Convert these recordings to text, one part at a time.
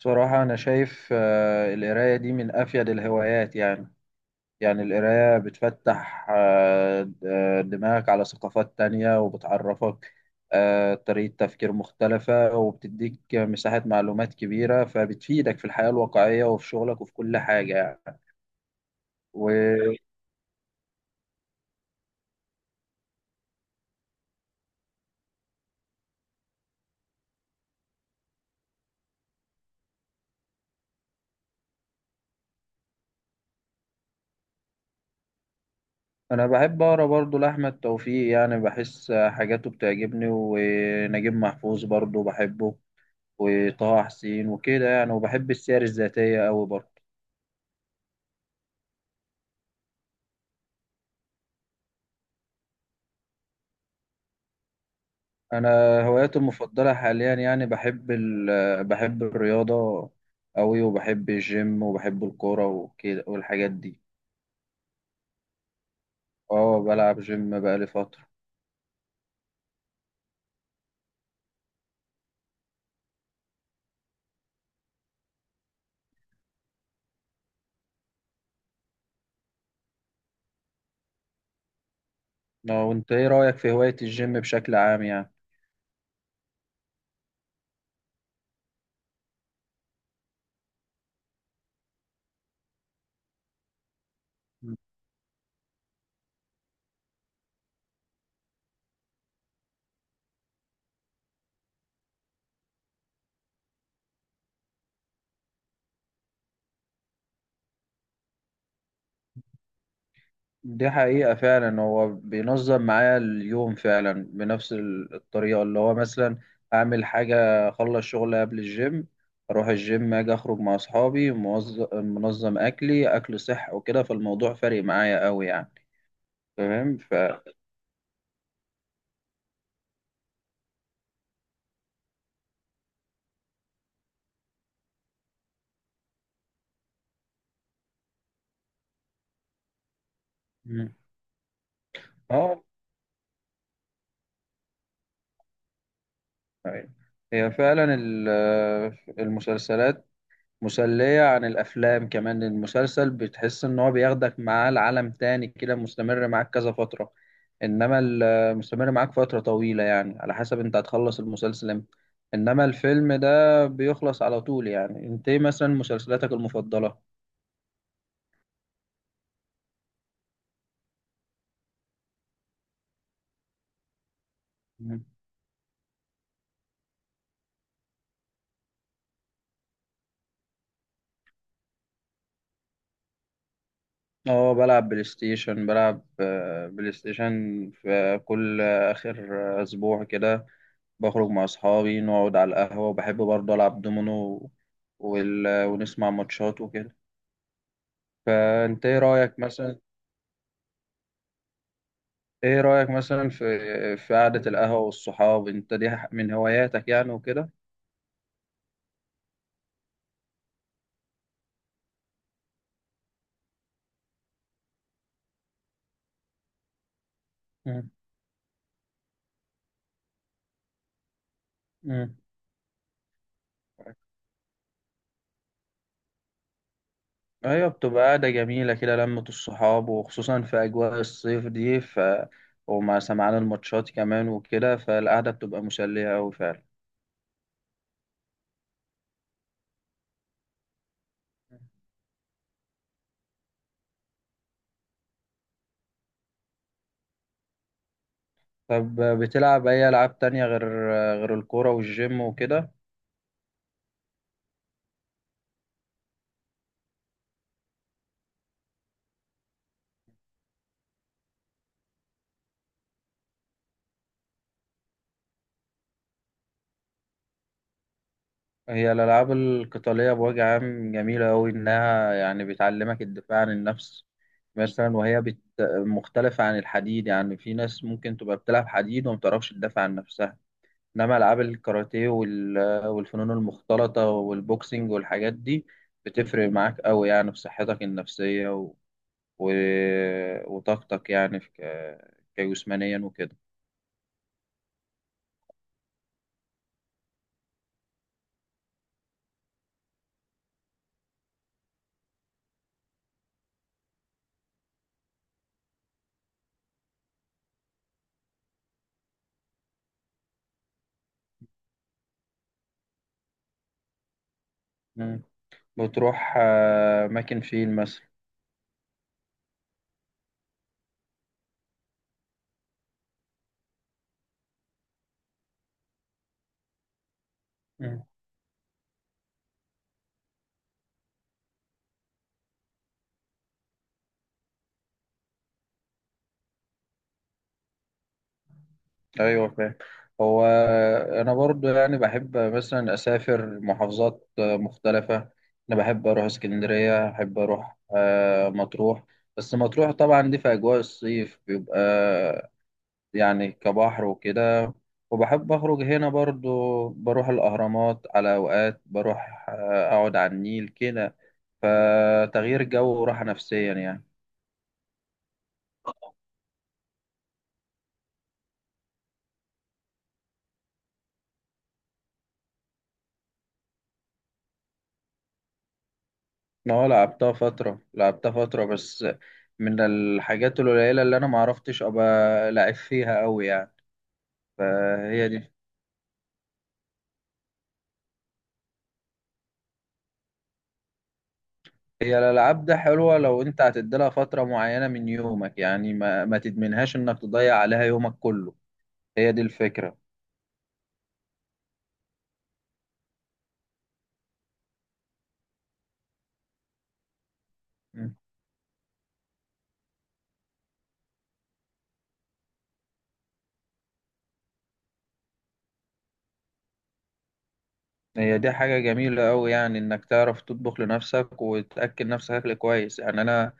بصراحة أنا شايف القراية دي من أفيد الهوايات يعني. القراية بتفتح دماغك على ثقافات تانية، وبتعرفك طريقة تفكير مختلفة، وبتديك مساحة معلومات كبيرة، فبتفيدك في الحياة الواقعية وفي شغلك وفي كل حاجة يعني. وأنا بحب أقرأ برضه لأحمد توفيق، يعني بحس حاجاته بتعجبني، ونجيب محفوظ برضه بحبه، وطه حسين وكده يعني، وبحب السير الذاتية أوي برضه. انا هواياتي المفضله حاليا يعني بحب بحب الرياضه قوي، وبحب الجيم وبحب الكوره وكده والحاجات دي. اه، بلعب جيم بقالي فتره. اه، وانت ايه رايك في هوايه الجيم بشكل عام يعني؟ دي حقيقه فعلا، هو بينظم معايا اليوم فعلا بنفس الطريقه. اللي هو مثلا اعمل حاجه، اخلص شغل قبل الجيم، اروح الجيم، اجي اخرج مع اصحابي، منظم اكلي، اكل صح وكده، فالموضوع فارق معايا قوي يعني. تمام. مم. اه. أيوة. هي فعلا المسلسلات مسلية عن الأفلام. كمان المسلسل بتحس إن هو بياخدك معاه لعالم تاني كده، مستمر معاك كذا فترة. إنما مستمر معاك فترة طويلة، يعني على حسب أنت هتخلص المسلسل إمتى. إنما الفيلم ده بيخلص على طول. يعني أنت إيه مثلا مسلسلاتك المفضلة؟ مم. اه، بلعب بلاي ستيشن، بلعب بلاي ستيشن في كل آخر أسبوع كده. بخرج مع أصحابي، نقعد على القهوة، وبحب برضه ألعب دومينو ونسمع ماتشات وكده. فأنت إيه رأيك مثلا إيه رأيك مثلا في قعدة القهوة والصحاب، أنت من هواياتك يعني وكده؟ مم. مم. أيوة، بتبقى قعدة جميلة كده، لمة الصحاب، وخصوصا في أجواء الصيف دي. ومع سمعان الماتشات كمان وكده، فالقعدة بتبقى مسلية أوي فعلا. طب بتلعب أي ألعاب تانية غير الكورة والجيم وكده؟ هي الألعاب القتالية بوجه عام جميلة أوي، إنها يعني بتعلمك الدفاع عن النفس مثلا. مختلفة عن الحديد، يعني في ناس ممكن تبقى بتلعب حديد وما بتعرفش تدافع عن نفسها. إنما ألعاب الكاراتيه والفنون المختلطة والبوكسينج والحاجات دي بتفرق معاك أوي يعني في صحتك النفسية و... وطاقتك يعني في كجسمانيا وكده. مم. بتروح أماكن فين مثلا؟ ايوه فاهم. هو انا برضو يعني بحب مثلا اسافر محافظات مختلفه. انا بحب اروح اسكندريه، بحب اروح مطروح. بس مطروح طبعا دي في اجواء الصيف بيبقى يعني كبحر وكده. وبحب اخرج هنا برضو، بروح الاهرامات على اوقات، بروح اقعد على النيل كده. فتغيير جو وراحه نفسيا يعني. ما هو لعبتها فترة، لعبتها فترة، بس من الحاجات القليلة اللي أنا معرفتش أبقى لعب فيها أوي يعني، فهي دي. هي الألعاب ده حلوة لو أنت هتديلها فترة معينة من يومك، يعني ما تدمنهاش إنك تضيع عليها يومك كله. هي دي الفكرة. مم. هي دي حاجة جميلة أوي، يعني إنك تعرف تطبخ لنفسك وتأكل نفسك أكل كويس. يعني أنا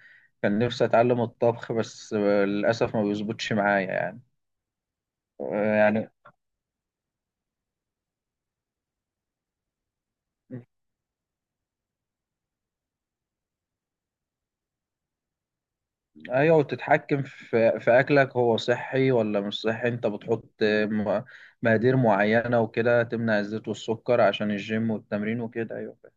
كان نفسي أتعلم الطبخ، بس للأسف ما بيظبطش معايا يعني. يعني ايوه، وتتحكم في اكلك، هو صحي ولا مش صحي. انت بتحط مقادير معينه وكده، تمنع الزيت والسكر عشان الجيم والتمرين وكده. ايوه فاهم.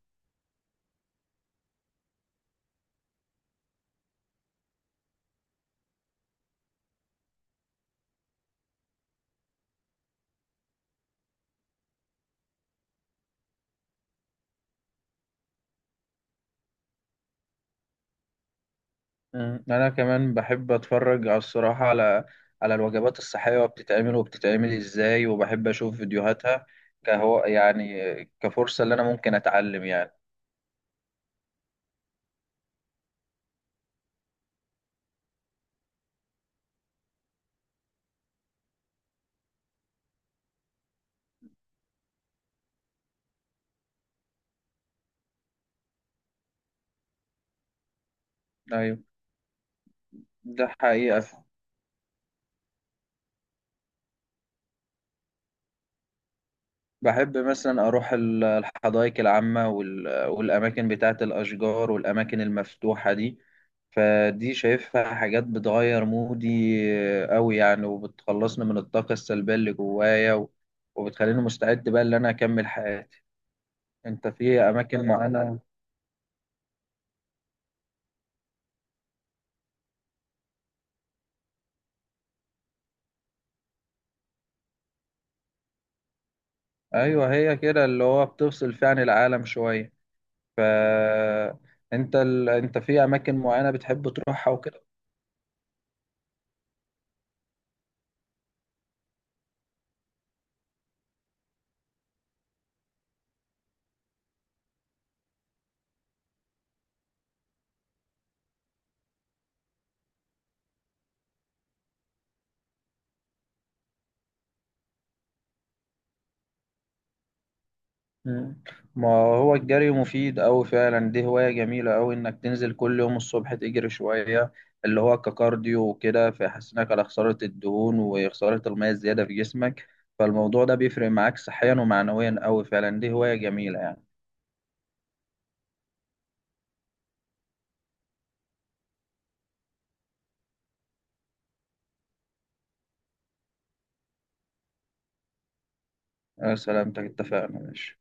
انا كمان بحب اتفرج على الصراحه، على الوجبات الصحيه، وبتتعمل ازاي، وبحب اشوف فيديوهاتها كهو يعني، كفرصه اللي انا ممكن اتعلم يعني. ايوه، ده حقيقه. بحب مثلا أروح الحدائق العامة والأماكن بتاعة الأشجار والأماكن المفتوحة دي. فدي شايفها حاجات بتغير مودي أوي يعني، وبتخلصني من الطاقة السلبية اللي جوايا وبتخليني مستعد بقى إن أنا أكمل حياتي. أنت في أماكن معينة؟ أيوه، هي كده اللي هو بتفصل فيها عن العالم شوية. ف أنت في أماكن معينة بتحب تروحها وكده؟ مم. ما هو الجري مفيد أوي فعلا، دي هواية جميلة أوي إنك تنزل كل يوم الصبح تجري شوية، اللي هو ككارديو وكده، فيحسنك على خسارة الدهون وخسارة المية الزيادة في جسمك. فالموضوع ده بيفرق معاك صحيا ومعنويا أوي فعلا، دي هواية جميلة يعني. أنا سلامتك، اتفقنا، ماشي.